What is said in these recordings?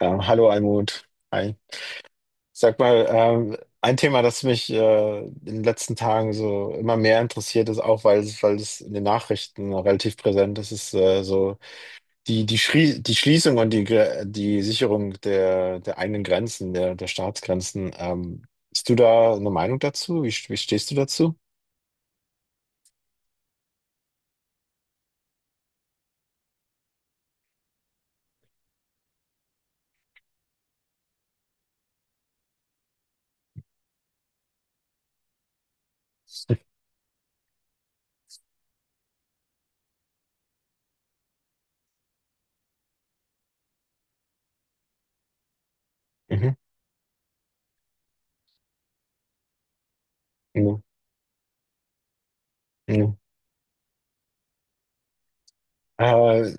Ja, hallo Almut. Hi. Sag mal, ein Thema, das mich in den letzten Tagen so immer mehr interessiert ist, auch weil es in den Nachrichten relativ präsent ist, ist so die Schließung und die Sicherung der, der eigenen Grenzen, der, der Staatsgrenzen. Hast du da eine Meinung dazu? Wie stehst du dazu? Mhm. Mhm. Mhm. Äh,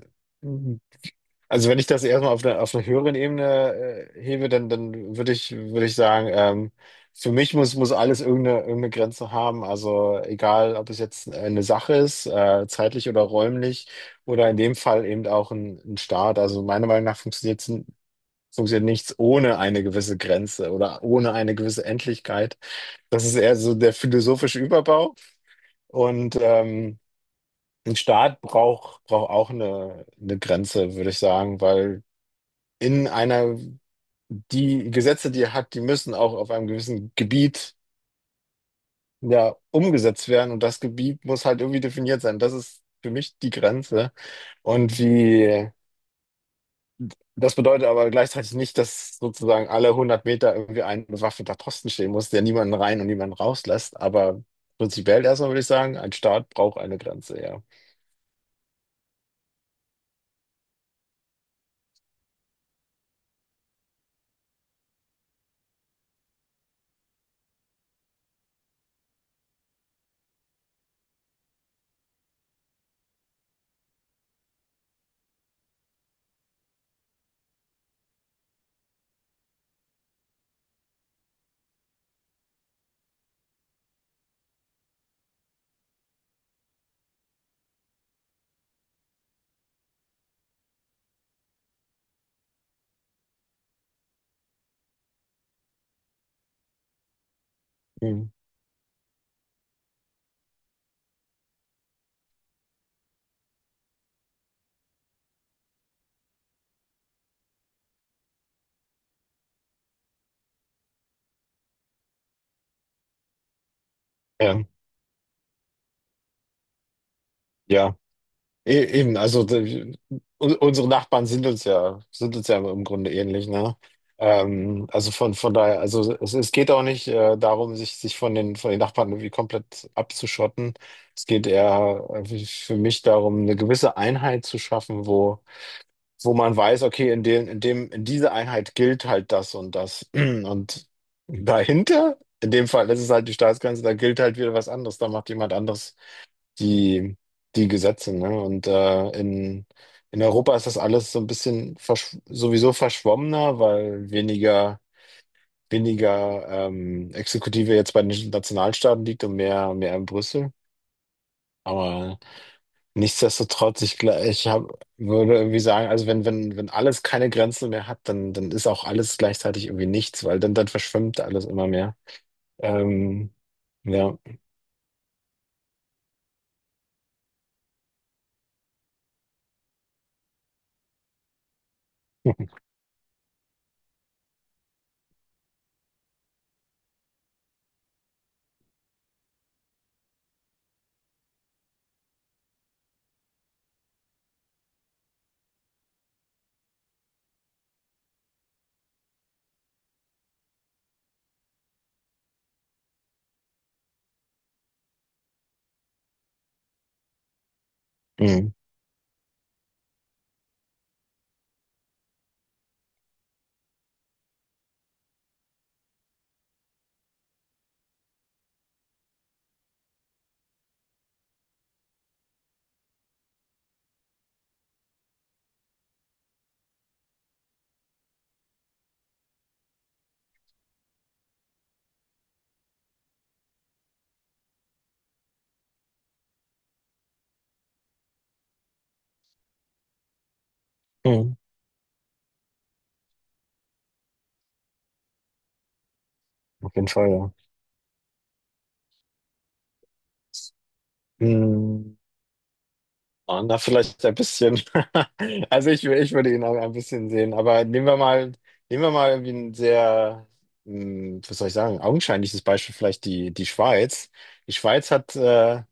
Also wenn ich das erstmal auf einer höheren Ebene hebe, dann würde ich sagen, für mich muss, muss alles irgendeine, irgendeine Grenze haben. Also egal, ob es jetzt eine Sache ist, zeitlich oder räumlich, oder in dem Fall eben auch ein Staat. Also meiner Meinung nach funktioniert, funktioniert nichts ohne eine gewisse Grenze oder ohne eine gewisse Endlichkeit. Das ist eher so der philosophische Überbau. Und ein Staat braucht, braucht auch eine Grenze, würde ich sagen, weil in einer, die Gesetze, die er hat, die müssen auch auf einem gewissen Gebiet ja umgesetzt werden und das Gebiet muss halt irgendwie definiert sein. Das ist für mich die Grenze. Und wie, das bedeutet aber gleichzeitig nicht, dass sozusagen alle 100 Meter irgendwie ein bewaffneter Posten stehen muss, der niemanden rein und niemanden rauslässt. Aber prinzipiell erstmal würde ich sagen, ein Staat braucht eine Grenze, ja. Hm. Ja, ja. E- Eben, also d- un- unsere Nachbarn sind uns ja im Grunde ähnlich, ne? Also von daher, also es geht auch nicht darum, sich, sich von den Nachbarn irgendwie komplett abzuschotten. Es geht eher für mich darum, eine gewisse Einheit zu schaffen, wo, wo man weiß, okay, in dem, in dem, in dieser Einheit gilt halt das und das. Und dahinter, in dem Fall, das ist halt die Staatsgrenze, da gilt halt wieder was anderes, da macht jemand anderes die, die Gesetze, ne? Und in Europa ist das alles so ein bisschen versch sowieso verschwommener, weil weniger, weniger Exekutive jetzt bei den Nationalstaaten liegt und mehr, mehr in Brüssel. Aber nichtsdestotrotz, ich, gla- ich hab, würde irgendwie sagen, also wenn, wenn, wenn alles keine Grenzen mehr hat, dann, dann ist auch alles gleichzeitig irgendwie nichts, weil dann, dann verschwimmt alles immer mehr. Ähm, ja. Mhm. Mhm. Auf jeden Fall, ja. Mhm. waren da vielleicht ein bisschen. Also ich, ich würde ihn auch ein bisschen sehen, aber nehmen wir mal irgendwie ein sehr, was soll ich sagen, augenscheinliches Beispiel, vielleicht die Schweiz. Die Schweiz hat,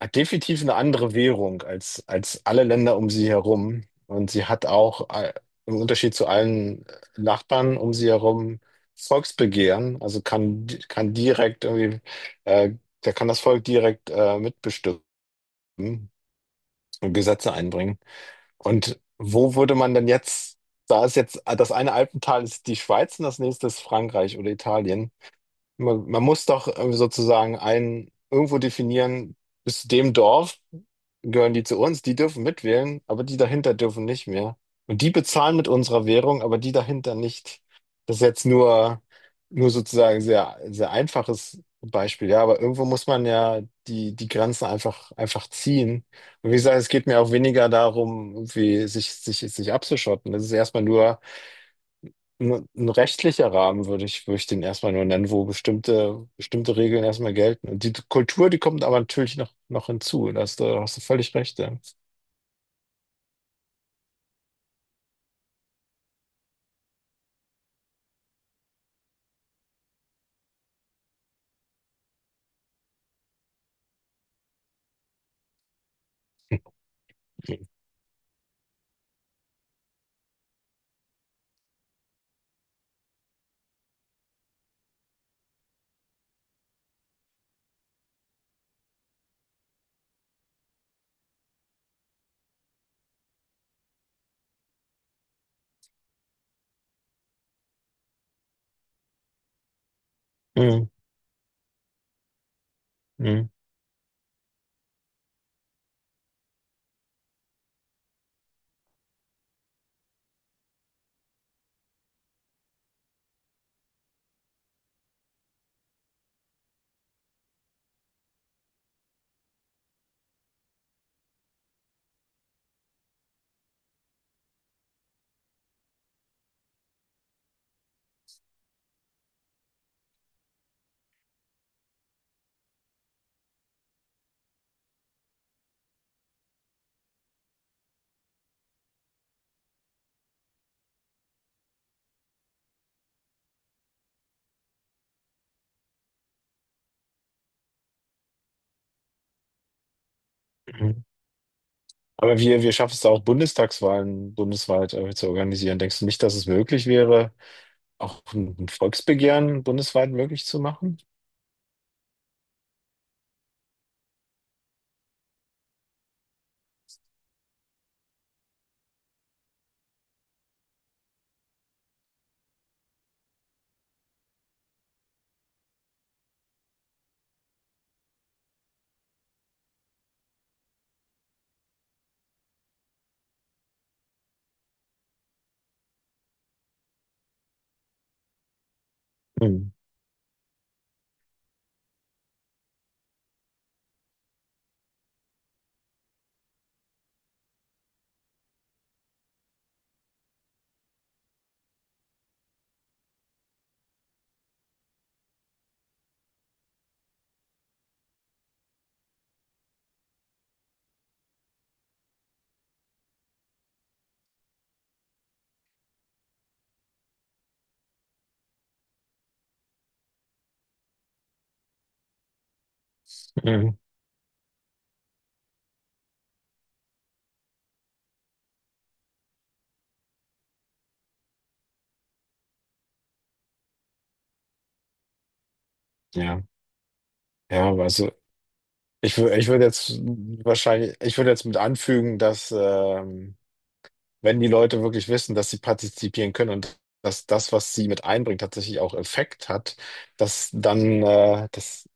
hat definitiv eine andere Währung als, als alle Länder um sie herum. Und sie hat auch, im Unterschied zu allen Nachbarn um sie herum, Volksbegehren. Also kann, kann direkt irgendwie, äh, da kann das Volk direkt, mitbestimmen und Gesetze einbringen. Und wo würde man denn jetzt, da ist jetzt, ah, das eine Alpental ist die Schweiz und das nächste ist Frankreich oder Italien. Man muss doch sozusagen ein, irgendwo definieren, bis zu dem Dorf gehören die zu uns, die dürfen mitwählen, aber die dahinter dürfen nicht mehr. Und die bezahlen mit unserer Währung, aber die dahinter nicht. Das ist jetzt nur, nur sozusagen sehr, sehr einfaches Beispiel, ja, aber irgendwo muss man ja die, die Grenzen einfach, einfach ziehen. Und wie gesagt, es geht mir auch weniger darum, irgendwie sich, sich, sich abzuschotten. Das ist erstmal nur, ein rechtlicher Rahmen würde ich den erstmal nur nennen, wo bestimmte, bestimmte Regeln erstmal gelten. Und die Kultur, die kommt aber natürlich noch, noch hinzu. Da hast du völlig recht. Ja. Mhm. Mhm. Mhm. Aber wir schaffen es da auch, Bundestagswahlen bundesweit zu organisieren. Denkst du nicht, dass es möglich wäre, auch ein Volksbegehren bundesweit möglich zu machen? Mhm. Mhm. Ja, ja, also ich, ich würde jetzt wahrscheinlich, ich würde jetzt mit anfügen, dass wenn die Leute wirklich wissen, dass sie partizipieren können und dass das, was sie mit einbringt, tatsächlich auch Effekt hat, dass dann, dass,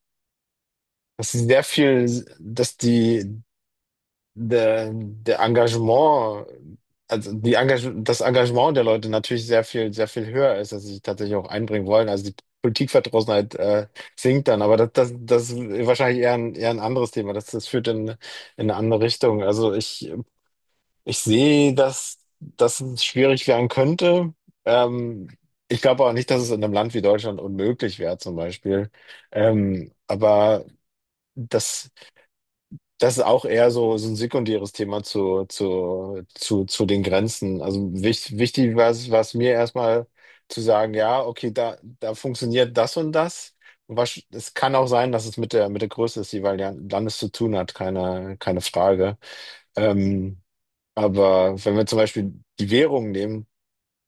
dass sie sehr viel, dass die, der, der Engagement, also die Engage das Engagement der Leute natürlich sehr viel höher ist, dass sie sich tatsächlich auch einbringen wollen. Also die Politikverdrossenheit, sinkt dann, aber das, das, das ist wahrscheinlich eher ein anderes Thema. Das, das führt in eine andere Richtung. Also ich sehe, dass das schwierig werden könnte. Ähm, ich glaube auch nicht, dass es in einem Land wie Deutschland unmöglich wäre, zum Beispiel. Aber das, das ist auch eher so, so ein sekundäres Thema zu den Grenzen. Also wichtig, wichtig war es mir erstmal zu sagen, ja, okay, da, da funktioniert das und das. Und was, es kann auch sein, dass es mit der Größe des jeweiligen Landes zu tun hat, keine, keine Frage. Ähm, aber wenn wir zum Beispiel die Währung nehmen,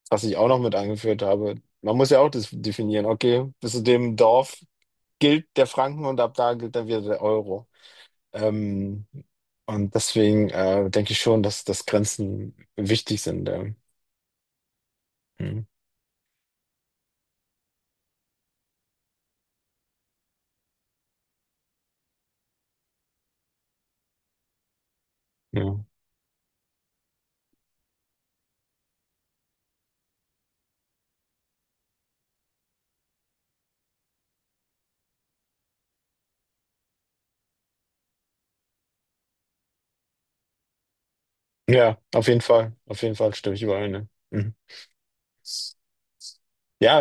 was ich auch noch mit angeführt habe, man muss ja auch das definieren, okay, bis zu dem Dorf gilt der Franken und ab da gilt dann wieder der Euro. Ähm, und deswegen denke ich schon, dass, dass Grenzen wichtig sind. Hm, ja. Ja, auf jeden Fall. Auf jeden Fall stimme ich überein. Ne? Mhm. Ja,